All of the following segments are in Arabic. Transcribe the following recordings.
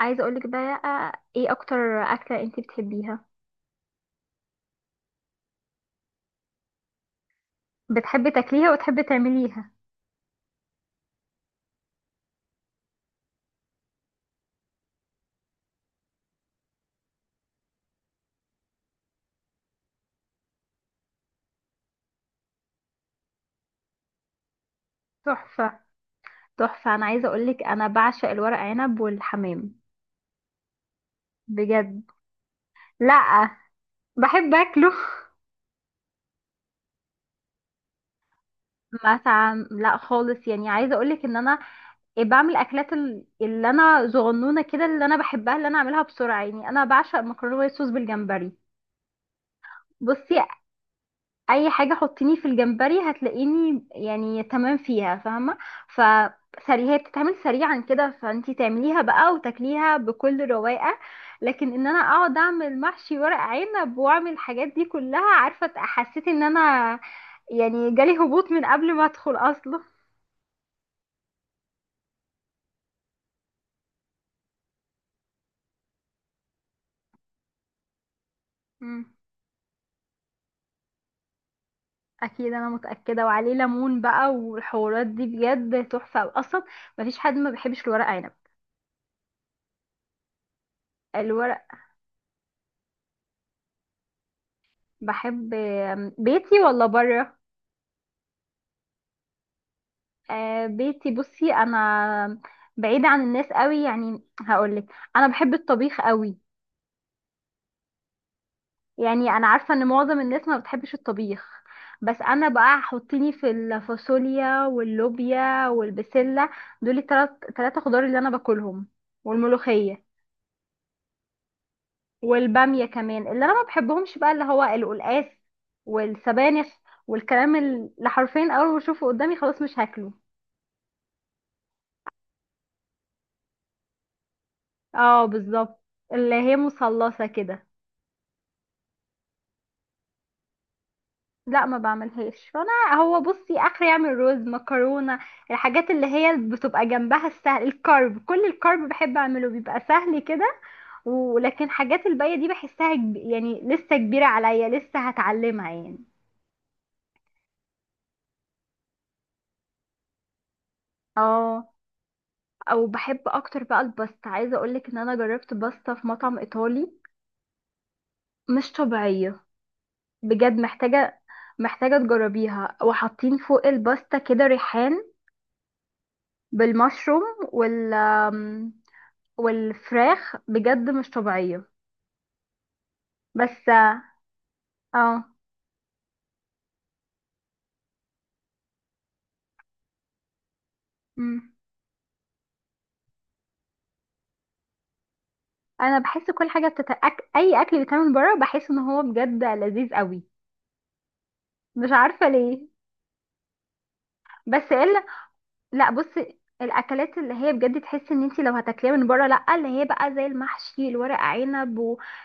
عايزه اقولك بقى، ايه اكتر اكله انت بتحبيها؟ بتحبي تاكليها وتحبي تعمليها؟ تحفه، تحفه. انا عايزه اقولك، انا بعشق الورق عنب والحمام. بجد؟ لا، بحب اكله. مثلا لا خالص، يعني عايزه اقولك ان انا بعمل اكلات اللي انا صغنونه كده، اللي انا بحبها، اللي انا اعملها بسرعه. يعني انا بعشق مكرونه وايت صوص بالجمبري. بصي، اي حاجه حطيني في الجمبري هتلاقيني يعني تمام فيها، فاهمه؟ فسريع، هي بتتعمل سريعا كده فانتي تعمليها بقى وتاكليها بكل رواقه. لكن ان انا اقعد اعمل محشي ورق عنب واعمل الحاجات دي كلها، عارفه؟ حسيت ان انا يعني جالي هبوط من قبل ما ادخل اصلا. مم. اكيد انا متاكده، وعليه ليمون بقى والحوارات دي بجد تحفه اصلا. مفيش حد ما بيحبش الورق عنب الورق. بحب بيتي ولا بره؟ آه بيتي. بصي، انا بعيدة عن الناس قوي، يعني هقولك انا بحب الطبيخ قوي. يعني انا عارفة ان معظم الناس ما بتحبش الطبيخ، بس انا بقى حطيني في الفاصوليا واللوبيا والبسلة. دول التلات تلاتة خضار اللي انا باكلهم، والملوخية. والبامية كمان. اللي انا ما بحبهمش بقى اللي هو القلقاس والسبانخ والكلام اللي حرفيا اول ما اشوفه قدامي خلاص مش هاكله. اه، بالظبط، اللي هي مثلثة كده. لا، ما بعملهاش. فانا هو بصي اخر يعمل رز مكرونه، الحاجات اللي هي بتبقى جنبها السهل، الكارب. كل الكارب بحب اعمله، بيبقى سهل كده. ولكن حاجات الباقيه دي بحسها يعني لسه كبيره عليا، لسه هتعلمها يعني. اه. او بحب اكتر بقى الباستا، عايزه اقولك ان انا جربت باستا في مطعم ايطالي مش طبيعيه. بجد محتاجه، محتاجه تجربيها. وحاطين فوق الباستا كده ريحان بالمشروم وال آمم، والفراخ، بجد مش طبيعية. بس اه. آه. مم. انا بحس كل حاجة اي اكل بيتعمل بره بحس ان هو بجد لذيذ قوي، مش عارفة ليه. بس الا لا، بصي الاكلات اللي هي بجد تحس ان انتي لو هتاكليها من بره، لا، اللي هي بقى زي المحشي الورق عنب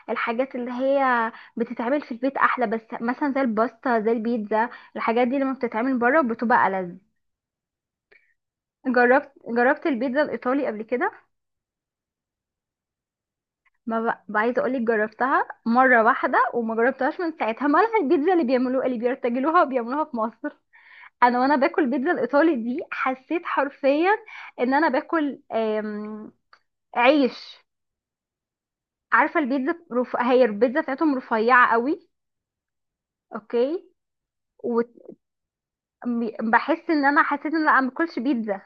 والحاجات اللي هي بتتعمل في البيت احلى. بس مثلا زي الباستا، زي البيتزا، الحاجات دي لما بتتعمل بره بتبقى ألذ. جربت البيتزا الايطالي قبل كده. ما بقى عايزه اقول لك جربتها مره واحده وما جربتهاش من ساعتها، مالها البيتزا اللي بيعملوها، اللي بيرتجلوها وبيعملوها في مصر. انا وانا باكل البيتزا الايطالي دي حسيت حرفيا ان انا باكل عيش. عارفه البيتزا هي البيتزا بتاعتهم رفيعه قوي. اوكي. وبحس ان انا حسيت ان انا ما باكلش بيتزا.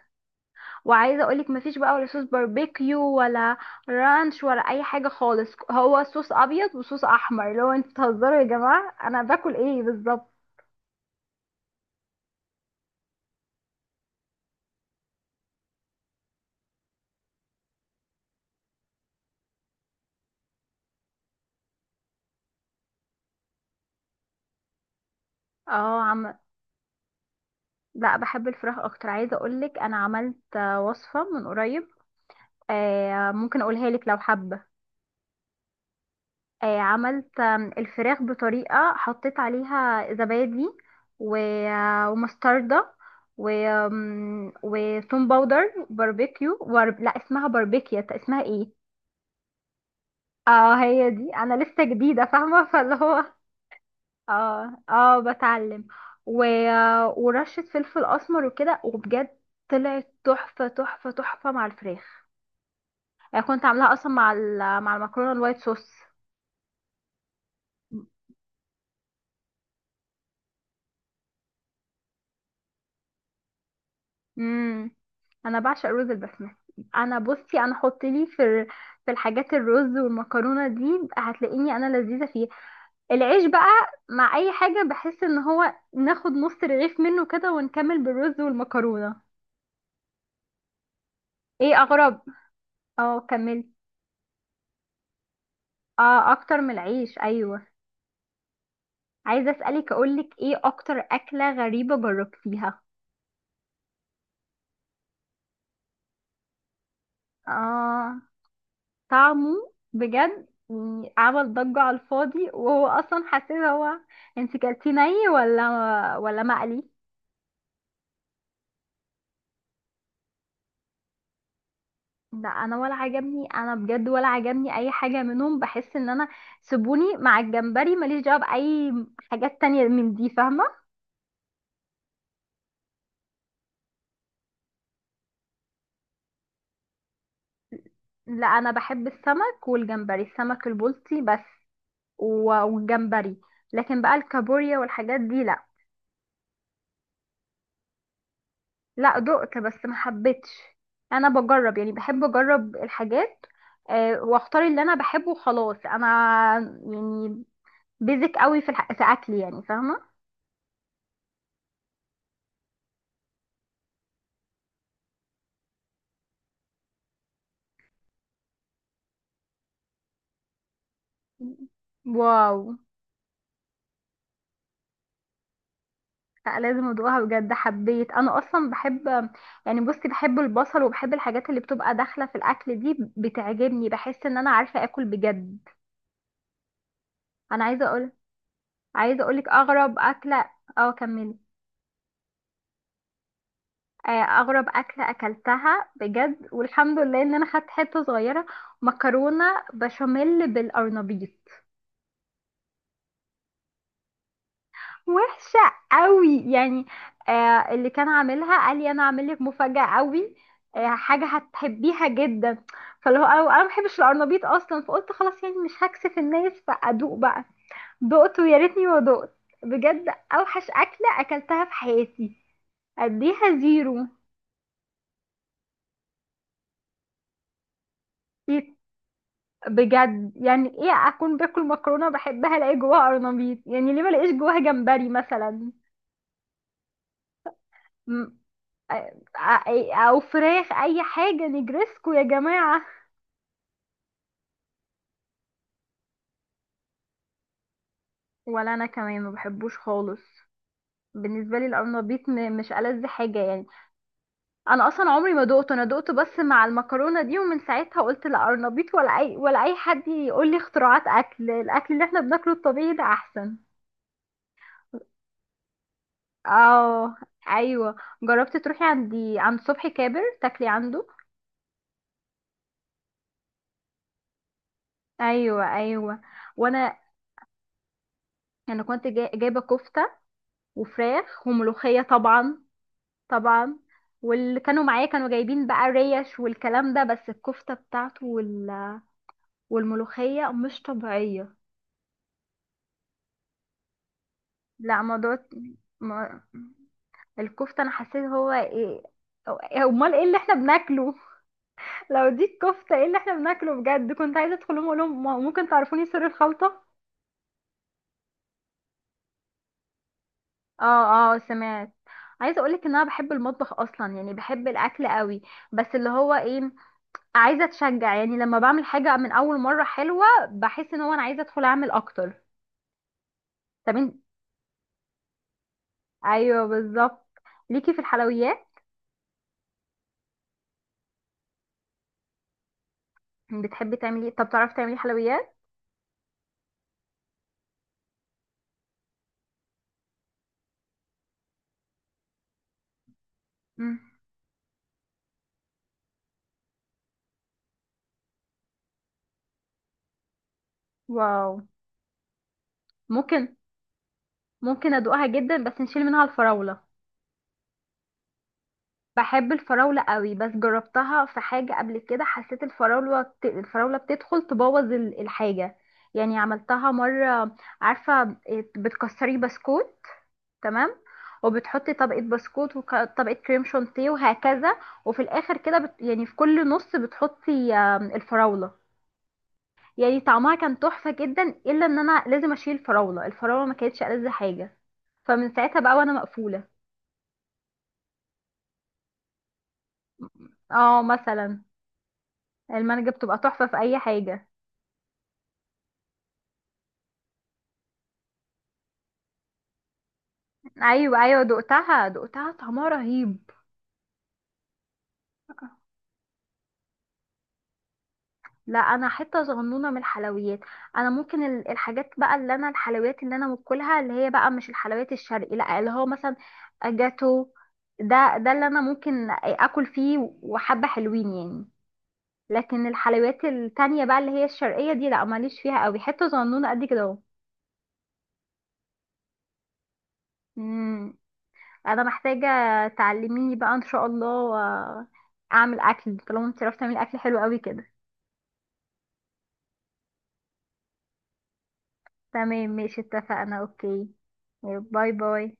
وعايزه اقولك مفيش بقى ولا صوص باربيكيو ولا رانش ولا اي حاجه خالص. هو صوص ابيض وصوص احمر، لو انتوا بتهزروا يا جماعه انا باكل ايه بالظبط. اه عم. لا بحب الفراخ اكتر. عايزه اقولك انا عملت وصفه من قريب. آه، ممكن اقولها لك لو حابه. آه عملت الفراخ بطريقه، حطيت عليها زبادي، و- ومستردة، و آم، وتوم باودر باربيكيو، لا اسمها باربيكيا، اسمها ايه؟ اه هي دي، انا لسه جديده فاهمه. فاللي هو اه اه بتعلم. و... ورشه فلفل اسمر وكده، وبجد طلعت تحفه تحفه تحفه مع الفراخ. يعني كنت عاملاها اصلا مع مع المكرونه الوايت صوص. امم. انا بعشق رز البسمتي. انا بصي انا حط لي في في الحاجات، الرز والمكرونه دي هتلاقيني انا لذيذه فيه. العيش بقى مع اي حاجه بحس ان هو ناخد نص رغيف منه كده ونكمل بالرز والمكرونه. ايه اغرب؟ اه كملي. اه اكتر من العيش، ايوه. عايزه اسالك اقولك ايه اكتر اكله غريبه جربتيها؟ اه، طعمه بجد يعني عمل ضجه على الفاضي وهو اصلا، حسيت هو. انت كلتي ني ولا مقلي؟ لا انا ولا عجبني، انا بجد ولا عجبني اي حاجه منهم. بحس ان انا سيبوني مع الجمبري، ماليش دعوه باي حاجات تانية من دي، فاهمه؟ لا انا بحب السمك والجمبري، السمك البلطي بس والجمبري. لكن بقى الكابوريا والحاجات دي لا. لا دقت بس ما حبيتش. انا بجرب، يعني بحب اجرب الحاجات، واختار اللي انا بحبه وخلاص. انا يعني بيزك قوي في في اكلي، يعني فاهمه. واو. لا لازم ادوقها بجد حبيت. انا اصلا بحب يعني، بصي بحب البصل وبحب الحاجات اللي بتبقى داخله في الاكل دي بتعجبني. بحس ان انا عارفه اكل بجد. انا عايزه اقول، عايزه اقولك اغرب اكله. اه كملي. آه، اغرب اكله اكلتها بجد، والحمد لله ان انا خدت حته صغيره. مكرونه بشاميل بالقرنبيط. وحشه قوي يعني. اللي كان عاملها قال لي انا عامل لك مفاجاه قوي، حاجه هتحبيها جدا. فاللي هو انا ما بحبش القرنبيط اصلا، فقلت خلاص يعني مش هكسف الناس فادوق بقى. دقت ويا ريتني ما دقت، بجد اوحش اكله اكلتها في حياتي، اديها زيرو. بجد يعني ايه اكون باكل مكرونه بحبها الاقي جواها قرنبيط؟ يعني ليه ما الاقيش جواها جمبري مثلا؟ م- أ- او فراخ، اي حاجه، نجرسكو يا جماعه. ولا انا كمان ما بحبوش خالص. بالنسبه لي القرنبيط مش ألذ حاجه يعني. انا اصلا عمري ما دقته، انا دقته بس مع المكرونه دي، ومن ساعتها قلت لا قرنبيط ولا اي حد يقول لي اختراعات اكل. الاكل اللي احنا بناكله الطبيعي ده احسن. اه. ايوه جربت. تروحي عندي عند صبحي كابر تاكلي عنده. ايوه ايوه. وانا كنت جايبه كفته وفراخ وملوخيه طبعا. طبعا. واللي كانوا معايا كانوا جايبين بقى ريش والكلام ده. بس الكفته بتاعته والملوخيه مش طبيعيه. لا موضوع ما... الكفته، انا حسيت هو ايه؟ امال ايه اللي احنا بناكله؟ لو دي الكفته ايه اللي احنا بناكله بجد؟ كنت عايزه ادخل لهم اقول لهم ممكن تعرفوني سر الخلطه. اه اه سمعت. عايزه اقولك ان انا بحب المطبخ اصلا، يعني بحب الاكل قوي. بس اللي هو ايه؟ عايزه اتشجع يعني، لما بعمل حاجه من اول مره حلوه بحس ان هو انا عايزه ادخل اعمل اكتر. طب انت، ايوه بالظبط ليكي في الحلويات. بتحبي تعملي إيه؟ طب تعرفي تعملي حلويات؟ مم. واو. ممكن ممكن ادوقها جدا بس نشيل منها الفراوله. بحب الفراولة قوي، بس جربتها في حاجة قبل كده حسيت الفراولة الفراولة بتدخل تبوظ الحاجة. يعني عملتها مرة، عارفة إيه، بتكسري بسكوت، تمام، وبتحطي طبقة بسكوت وطبقة كريم شانتيه وهكذا. وفي الآخر كده يعني في كل نص بتحطي الفراولة. يعني طعمها كان تحفة جدا، إلا إن أنا لازم أشيل الفراولة، الفراولة ما كانتش ألذ حاجة. فمن ساعتها بقى وأنا مقفولة. اه مثلا. المانجا بتبقى تحفة في أي حاجة. ايوه ايوه دقتها طعمها رهيب. لا انا حته صغنونه من الحلويات. انا ممكن الحاجات بقى اللي انا الحلويات اللي انا باكلها اللي هي بقى مش الحلويات الشرقي، لا اللي هو مثلا جاتو، ده اللي انا ممكن اكل فيه وحبه حلوين يعني. لكن الحلويات التانية بقى اللي هي الشرقيه دي لا ماليش فيها قوي، حته صغنونه قد كده اهو. مم. انا محتاجه تعلميني بقى ان شاء الله، اعمل اكل طالما انت عرفتي تعملي اكل حلو قوي كده. تمام ماشي اتفقنا. اوكي باي باي.